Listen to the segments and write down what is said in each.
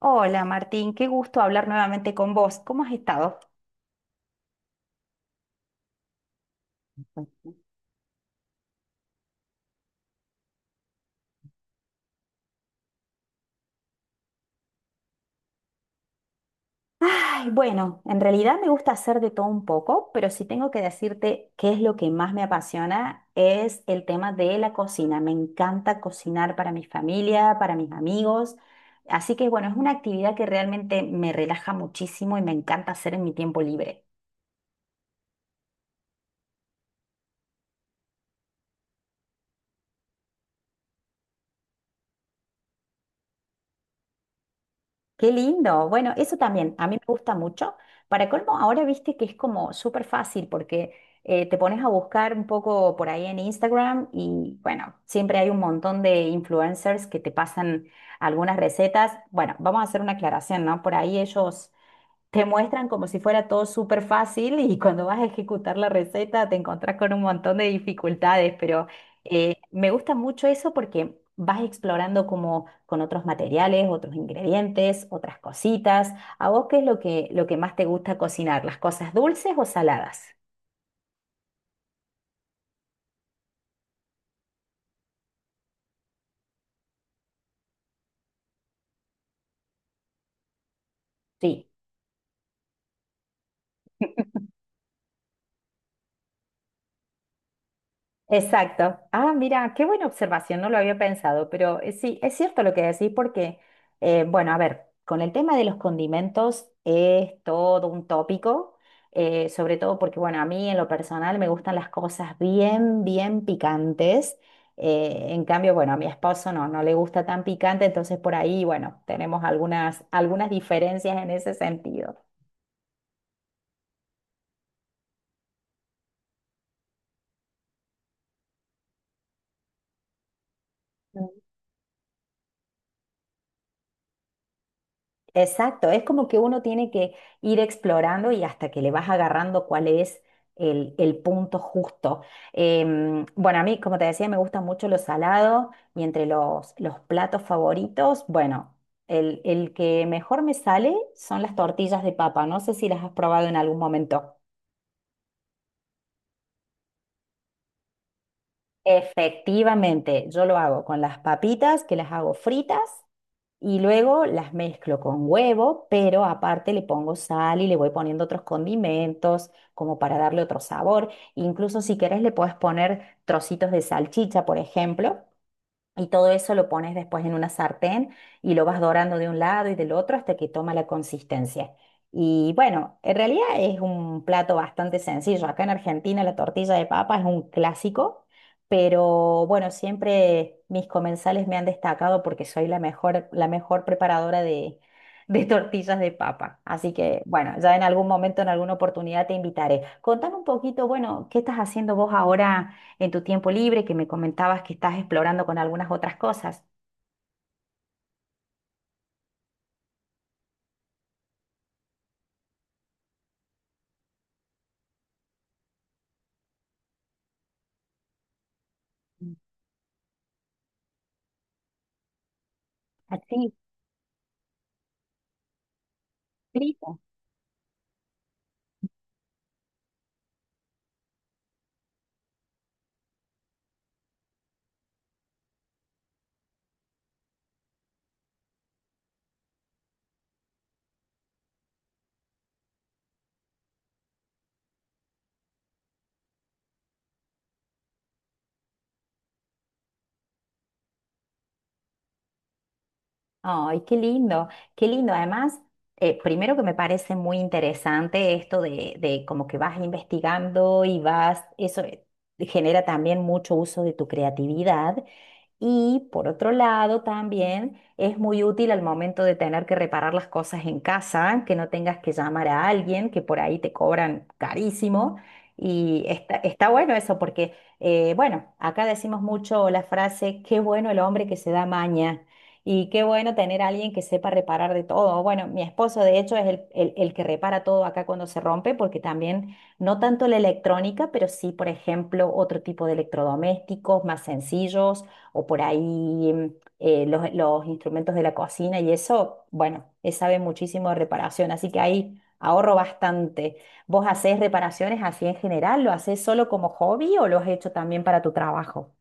Hola Martín, qué gusto hablar nuevamente con vos. ¿Cómo has estado? Ay, bueno, en realidad me gusta hacer de todo un poco, pero si tengo que decirte qué es lo que más me apasiona es el tema de la cocina. Me encanta cocinar para mi familia, para mis amigos. Así que bueno, es una actividad que realmente me relaja muchísimo y me encanta hacer en mi tiempo libre. Qué lindo. Bueno, eso también a mí me gusta mucho. Para colmo, ahora viste que es como súper fácil porque te pones a buscar un poco por ahí en Instagram y bueno, siempre hay un montón de influencers que te pasan algunas recetas. Bueno, vamos a hacer una aclaración, ¿no? Por ahí ellos te muestran como si fuera todo súper fácil y cuando vas a ejecutar la receta te encontrás con un montón de dificultades, pero me gusta mucho eso porque vas explorando como con otros materiales, otros ingredientes, otras cositas. ¿A vos qué es lo que más te gusta cocinar? ¿Las cosas dulces o saladas? Sí. Exacto. Ah, mira, qué buena observación, no lo había pensado, pero sí, es cierto lo que decís porque, bueno, a ver, con el tema de los condimentos es todo un tópico, sobre todo porque, bueno, a mí en lo personal me gustan las cosas bien, bien picantes. En cambio, bueno, a mi esposo no, no le gusta tan picante, entonces por ahí, bueno, tenemos algunas diferencias en ese sentido. Exacto, es como que uno tiene que ir explorando y hasta que le vas agarrando cuál es el punto justo. Bueno, a mí, como te decía, me gusta mucho lo salado y entre los platos favoritos, bueno, el que mejor me sale son las tortillas de papa. No sé si las has probado en algún momento. Efectivamente, yo lo hago con las papitas, que las hago fritas. Y luego las mezclo con huevo, pero aparte le pongo sal y le voy poniendo otros condimentos como para darle otro sabor. Incluso si querés le puedes poner trocitos de salchicha, por ejemplo, y todo eso lo pones después en una sartén y lo vas dorando de un lado y del otro hasta que toma la consistencia. Y bueno, en realidad es un plato bastante sencillo. Acá en Argentina la tortilla de papa es un clásico, pero bueno, siempre mis comensales me han destacado porque soy la mejor preparadora de, de tortillas de papa. Así que bueno, ya en algún momento, en alguna oportunidad te invitaré. Contame un poquito, bueno, ¿qué estás haciendo vos ahora en tu tiempo libre, que me comentabas que estás explorando con algunas otras cosas? Así, escrito. Ay, qué lindo, qué lindo. Además, primero que me parece muy interesante esto de como que vas investigando y vas, eso genera también mucho uso de tu creatividad. Y por otro lado, también es muy útil al momento de tener que reparar las cosas en casa, que no tengas que llamar a alguien, que por ahí te cobran carísimo. Y está, está bueno eso porque, bueno, acá decimos mucho la frase, qué bueno el hombre que se da maña y qué bueno tener a alguien que sepa reparar de todo. Bueno, mi esposo de hecho es el, el que repara todo acá cuando se rompe porque también no tanto la electrónica, pero sí, por ejemplo, otro tipo de electrodomésticos más sencillos o por ahí los instrumentos de la cocina y eso, bueno, sabe muchísimo de reparación, así que ahí ahorro bastante. ¿Vos hacés reparaciones así en general? ¿Lo hacés solo como hobby o lo has hecho también para tu trabajo?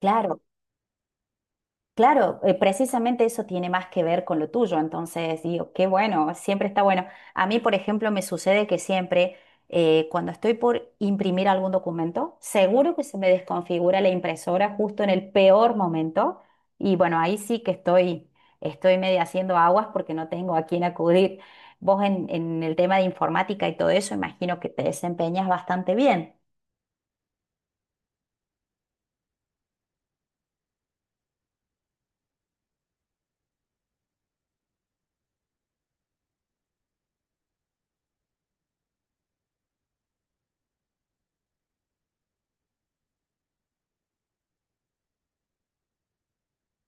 Claro. Claro, precisamente eso tiene más que ver con lo tuyo, entonces digo, qué bueno, siempre está bueno. A mí, por ejemplo, me sucede que siempre cuando estoy por imprimir algún documento, seguro que se me desconfigura la impresora justo en el peor momento y bueno, ahí sí que estoy, estoy medio haciendo aguas porque no tengo a quién acudir. Vos en el tema de informática y todo eso, imagino que te desempeñas bastante bien.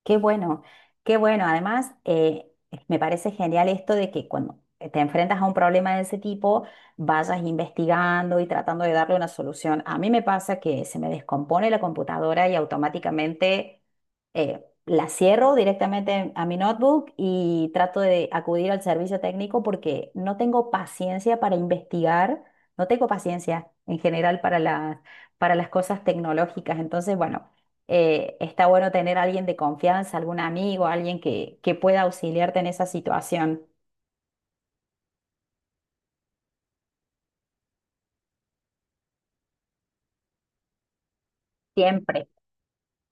Qué bueno, qué bueno. Además, me parece genial esto de que cuando te enfrentas a un problema de ese tipo, vayas investigando y tratando de darle una solución. A mí me pasa que se me descompone la computadora y automáticamente la cierro directamente a mi notebook y trato de acudir al servicio técnico porque no tengo paciencia para investigar, no tengo paciencia en general para las cosas tecnológicas. Entonces, bueno está bueno tener a alguien de confianza, algún amigo, alguien que pueda auxiliarte en esa situación. Siempre.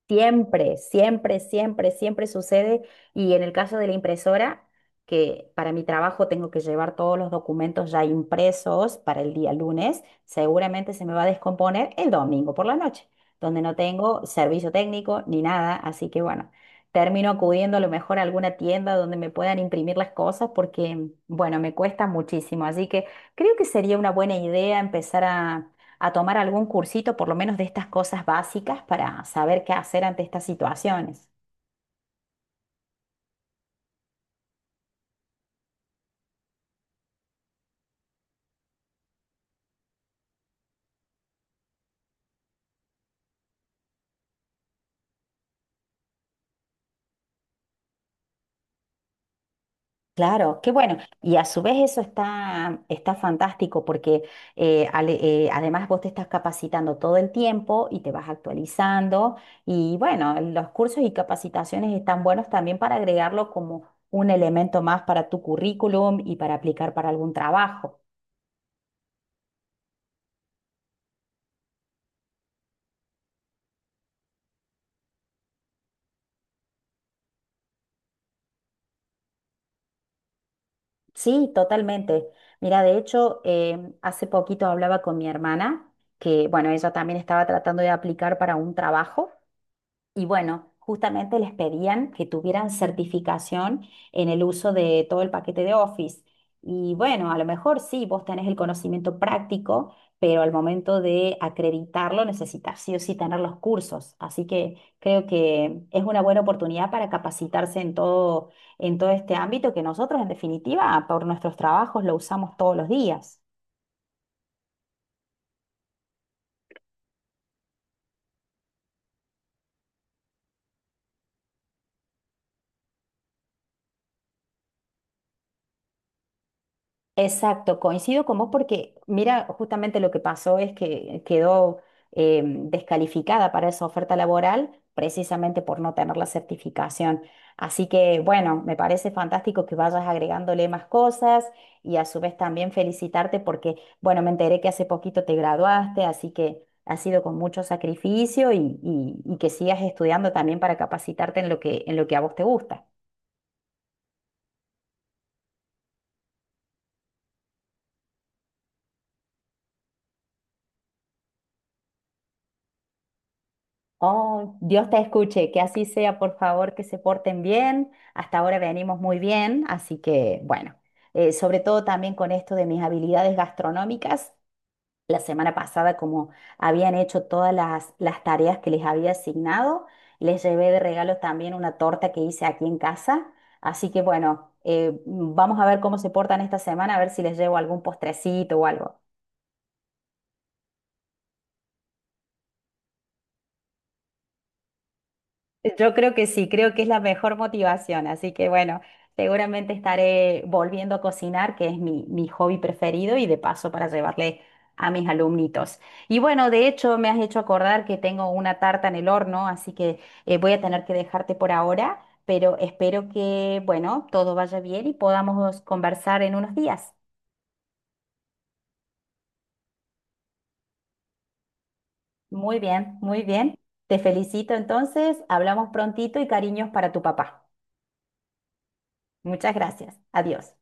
Siempre, siempre, siempre, siempre sucede. Y en el caso de la impresora, que para mi trabajo tengo que llevar todos los documentos ya impresos para el día lunes, seguramente se me va a descomponer el domingo por la noche, donde no tengo servicio técnico ni nada. Así que bueno, termino acudiendo a lo mejor a alguna tienda donde me puedan imprimir las cosas porque, bueno, me cuesta muchísimo. Así que creo que sería una buena idea empezar a tomar algún cursito, por lo menos de estas cosas básicas, para saber qué hacer ante estas situaciones. Claro, qué bueno. Y a su vez eso está, está fantástico porque eh, ale- además vos te estás capacitando todo el tiempo y te vas actualizando. Y bueno, los cursos y capacitaciones están buenos también para agregarlo como un elemento más para tu currículum y para aplicar para algún trabajo. Sí, totalmente. Mira, de hecho, hace poquito hablaba con mi hermana, que bueno, ella también estaba tratando de aplicar para un trabajo. Y bueno, justamente les pedían que tuvieran certificación en el uso de todo el paquete de Office. Y bueno, a lo mejor sí, vos tenés el conocimiento práctico, pero al momento de acreditarlo necesitas sí o sí tener los cursos. Así que creo que es una buena oportunidad para capacitarse en todo este ámbito que nosotros, en definitiva, por nuestros trabajos lo usamos todos los días. Exacto, coincido con vos porque mira, justamente lo que pasó es que quedó descalificada para esa oferta laboral precisamente por no tener la certificación. Así que bueno, me parece fantástico que vayas agregándole más cosas y a su vez también felicitarte porque bueno, me enteré que hace poquito te graduaste, así que ha sido con mucho sacrificio y, y que sigas estudiando también para capacitarte en lo que a vos te gusta. Oh, Dios te escuche, que así sea, por favor, que se porten bien. Hasta ahora venimos muy bien, así que bueno, sobre todo también con esto de mis habilidades gastronómicas, la semana pasada como habían hecho todas las tareas que les había asignado, les llevé de regalo también una torta que hice aquí en casa, así que bueno, vamos a ver cómo se portan esta semana, a ver si les llevo algún postrecito o algo. Yo creo que sí, creo que es la mejor motivación, así que bueno, seguramente estaré volviendo a cocinar, que es mi, mi hobby preferido y de paso para llevarle a mis alumnitos. Y bueno, de hecho me has hecho acordar que tengo una tarta en el horno, así que voy a tener que dejarte por ahora, pero espero que, bueno, todo vaya bien y podamos conversar en unos días. Muy bien, muy bien. Te felicito entonces, hablamos prontito y cariños para tu papá. Muchas gracias. Adiós.